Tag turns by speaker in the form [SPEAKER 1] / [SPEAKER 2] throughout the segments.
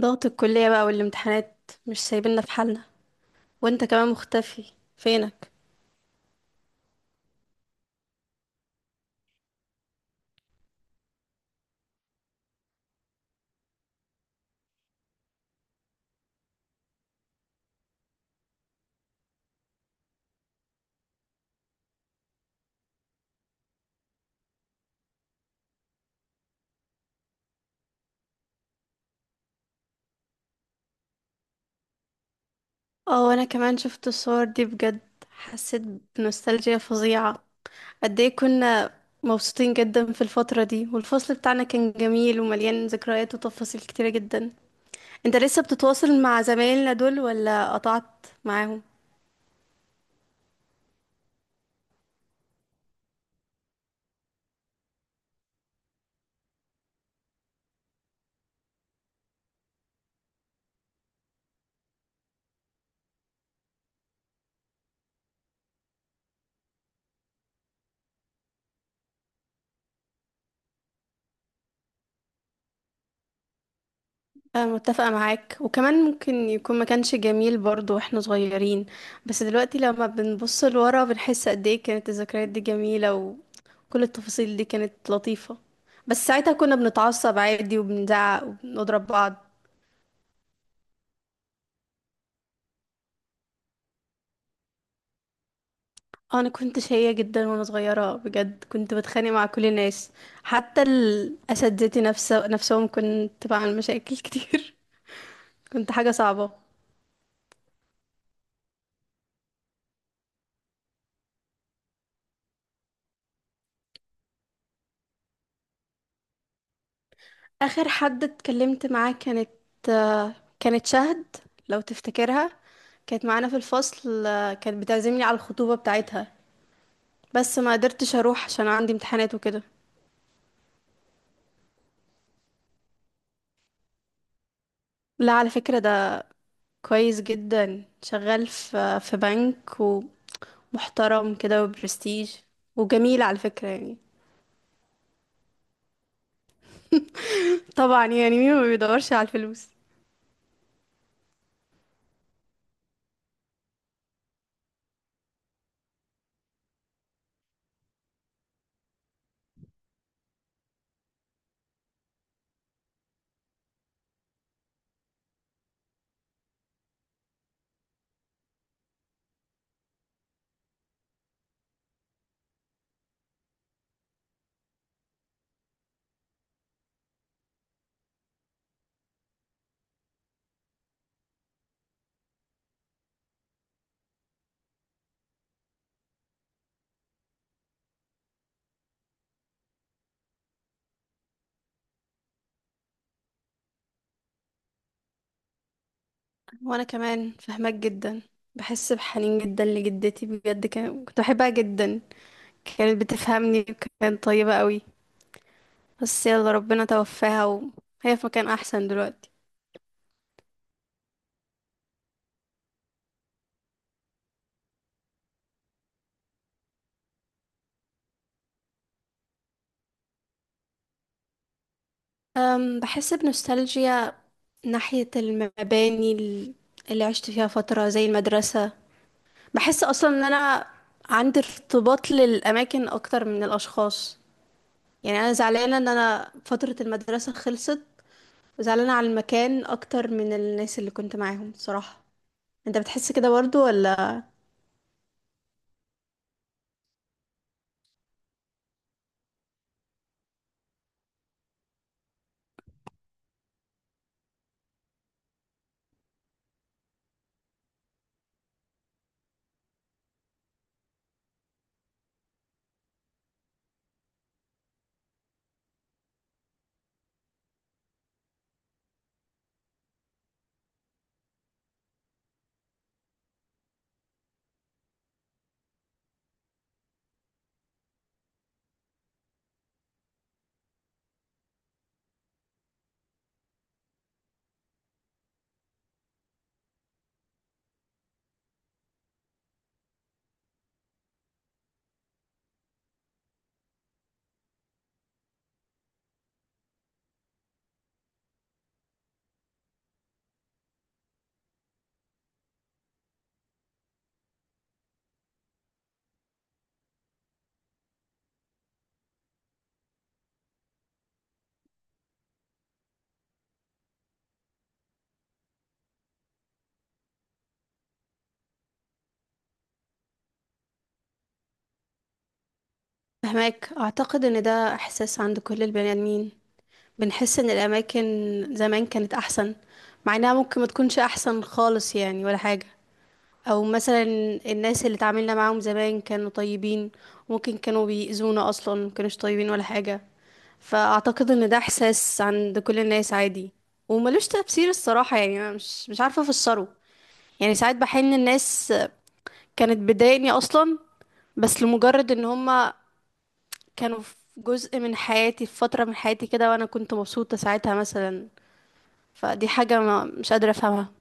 [SPEAKER 1] ضغط الكلية بقى والامتحانات، مش سايبيننا في حالنا. وانت كمان مختفي، فينك؟ اه وانا كمان شفت الصور دي، بجد حسيت بنوستالجيا فظيعة. قد ايه كنا مبسوطين جدا في الفترة دي، والفصل بتاعنا كان جميل ومليان ذكريات وتفاصيل كتيرة جدا. انت لسه بتتواصل مع زمايلنا دول ولا قطعت معاهم؟ أنا متفقة معاك، وكمان ممكن يكون ما كانش جميل برضو واحنا صغيرين، بس دلوقتي لما بنبص لورا بنحس قد ايه كانت الذكريات دي جميلة وكل التفاصيل دي كانت لطيفة. بس ساعتها كنا بنتعصب عادي وبنزعق وبنضرب بعض. انا كنت شقية جدا وانا صغيرة، بجد كنت بتخانق مع كل الناس، حتى الاساتذتي نفسهم كنت بعمل مشاكل كتير. كنت حاجة صعبة. آخر حد اتكلمت معاه كانت، آه، كانت شهد، لو تفتكرها، كانت معانا في الفصل. كانت بتعزمني على الخطوبة بتاعتها، بس ما قدرتش أروح عشان عندي امتحانات وكده. لا، على فكرة ده كويس جدا، شغال في بنك، ومحترم كده وبرستيج، وجميل على فكرة يعني. طبعا، يعني مين ما بيدورش على الفلوس؟ وأنا كمان فهمك جدا، بحس بحنين جدا لجدتي، بجد كنت بحبها جدا، كانت بتفهمني وكانت طيبة قوي. بس يلا، ربنا توفاها وهي في مكان أحسن دلوقتي. بحس بنوستالجيا ناحية المباني اللي عشت فيها فترة زي المدرسة. بحس أصلا إن أنا عندي ارتباط للأماكن أكتر من الأشخاص، يعني أنا زعلانة إن أنا فترة المدرسة خلصت، وزعلانة على المكان أكتر من الناس اللي كنت معاهم صراحة. أنت بتحس كده برضو ولا؟ فهماك. أعتقد إن ده إحساس عند كل البني آدمين، بنحس ان الاماكن زمان كانت احسن، مع انها ممكن ما تكونش احسن خالص يعني ولا حاجة. او مثلا الناس اللي اتعاملنا معاهم زمان كانوا طيبين، ممكن كانوا بيأذونا اصلا، ما كانوش طيبين ولا حاجة. فاعتقد ان ده احساس عند كل الناس عادي، وملوش تفسير الصراحة، يعني انا مش عارفة افسره. يعني ساعات بحس ان الناس كانت بتضايقني اصلا، بس لمجرد ان هما كانوا في جزء من حياتي، في فترة من حياتي كده وانا كنت مبسوطة ساعتها مثلا. فدي حاجة ما مش قادرة أفهمها.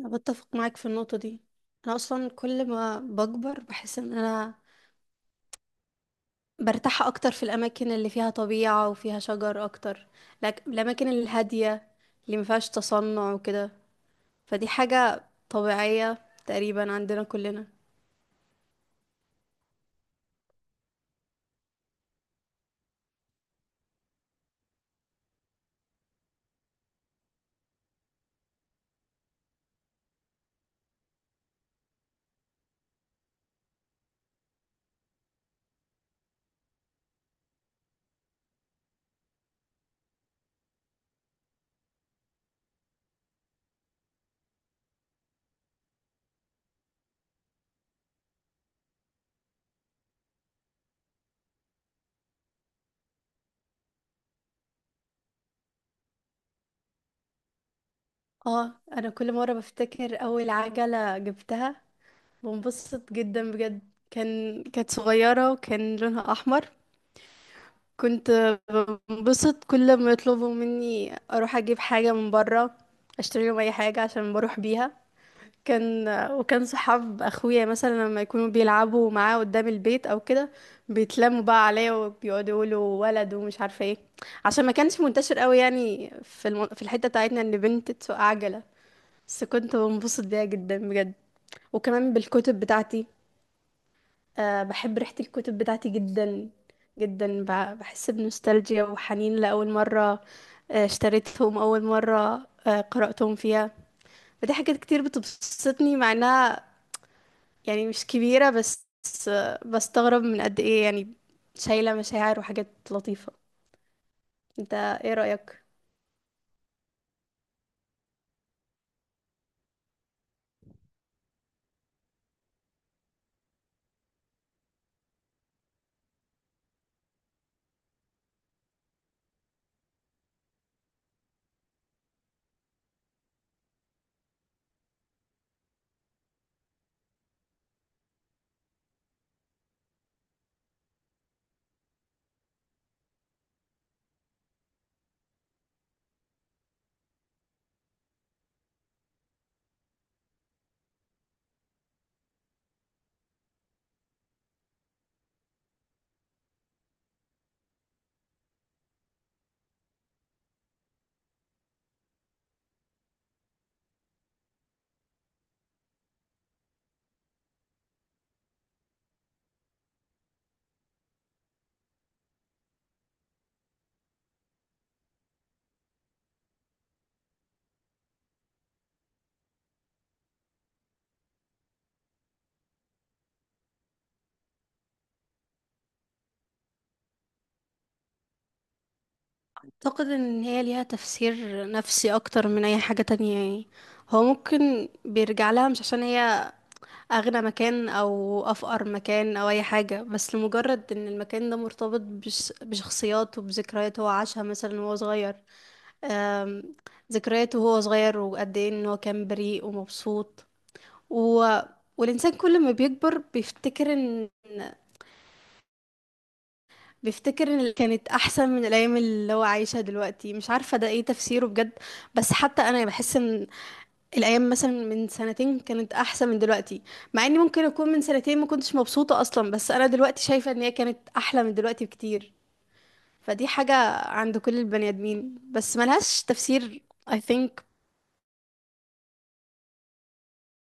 [SPEAKER 1] أنا بتفق معاك في النقطة دي، أنا أصلا كل ما بكبر بحس إن أنا برتاح أكتر في الأماكن اللي فيها طبيعة وفيها شجر أكتر، لكن الأماكن الهادية اللي مفيهاش تصنع وكده. فدي حاجة طبيعية تقريبا عندنا كلنا. اه أنا كل مرة بفتكر أول عجلة جبتها بنبسط جدا، بجد كانت صغيرة وكان لونها أحمر. كنت بنبسط كل ما يطلبوا مني اروح اجيب حاجه من بره، اشتري لهم اي حاجه عشان بروح بيها. وكان صحاب اخويا مثلا لما يكونوا بيلعبوا معاه قدام البيت او كده، بيتلموا بقى عليا وبيقعدوا يقولوا ولد ومش عارفه ايه، عشان ما كانش منتشر قوي يعني في الحته بتاعتنا ان بنت تسوق عجله. بس كنت بنبسط بيها جدا بجد. وكمان بالكتب بتاعتي، بحب ريحة الكتب بتاعتي جدا جدا، بحس بنوستالجيا وحنين لأول مرة اشتريتهم، أول مرة قرأتهم فيها. فدي حاجات كتير بتبسطني مع إنها يعني مش كبيرة، بس بستغرب من قد إيه يعني شايلة مشاعر وحاجات لطيفة. انت ايه رأيك؟ اعتقد ان هي ليها تفسير نفسي اكتر من اي حاجة تانية يعني. هو ممكن بيرجع لها مش عشان هي اغنى مكان او افقر مكان او اي حاجة، بس لمجرد ان المكان ده مرتبط بشخصيات وبذكريات هو عاشها مثلا وهو صغير. أم، ذكرياته وهو صغير وقد ايه ان هو كان بريء ومبسوط و... والانسان كل ما بيكبر بيفتكر اللي كانت احسن من الايام اللي هو عايشها دلوقتي، مش عارفه ده ايه تفسيره بجد. بس حتى انا بحس ان الايام مثلا من سنتين كانت احسن من دلوقتي، مع اني ممكن اكون من سنتين ما كنتش مبسوطه اصلا، بس انا دلوقتي شايفه ان هي كانت احلى من دلوقتي بكتير. فدي حاجه عند كل البني ادمين بس ملهاش تفسير. I think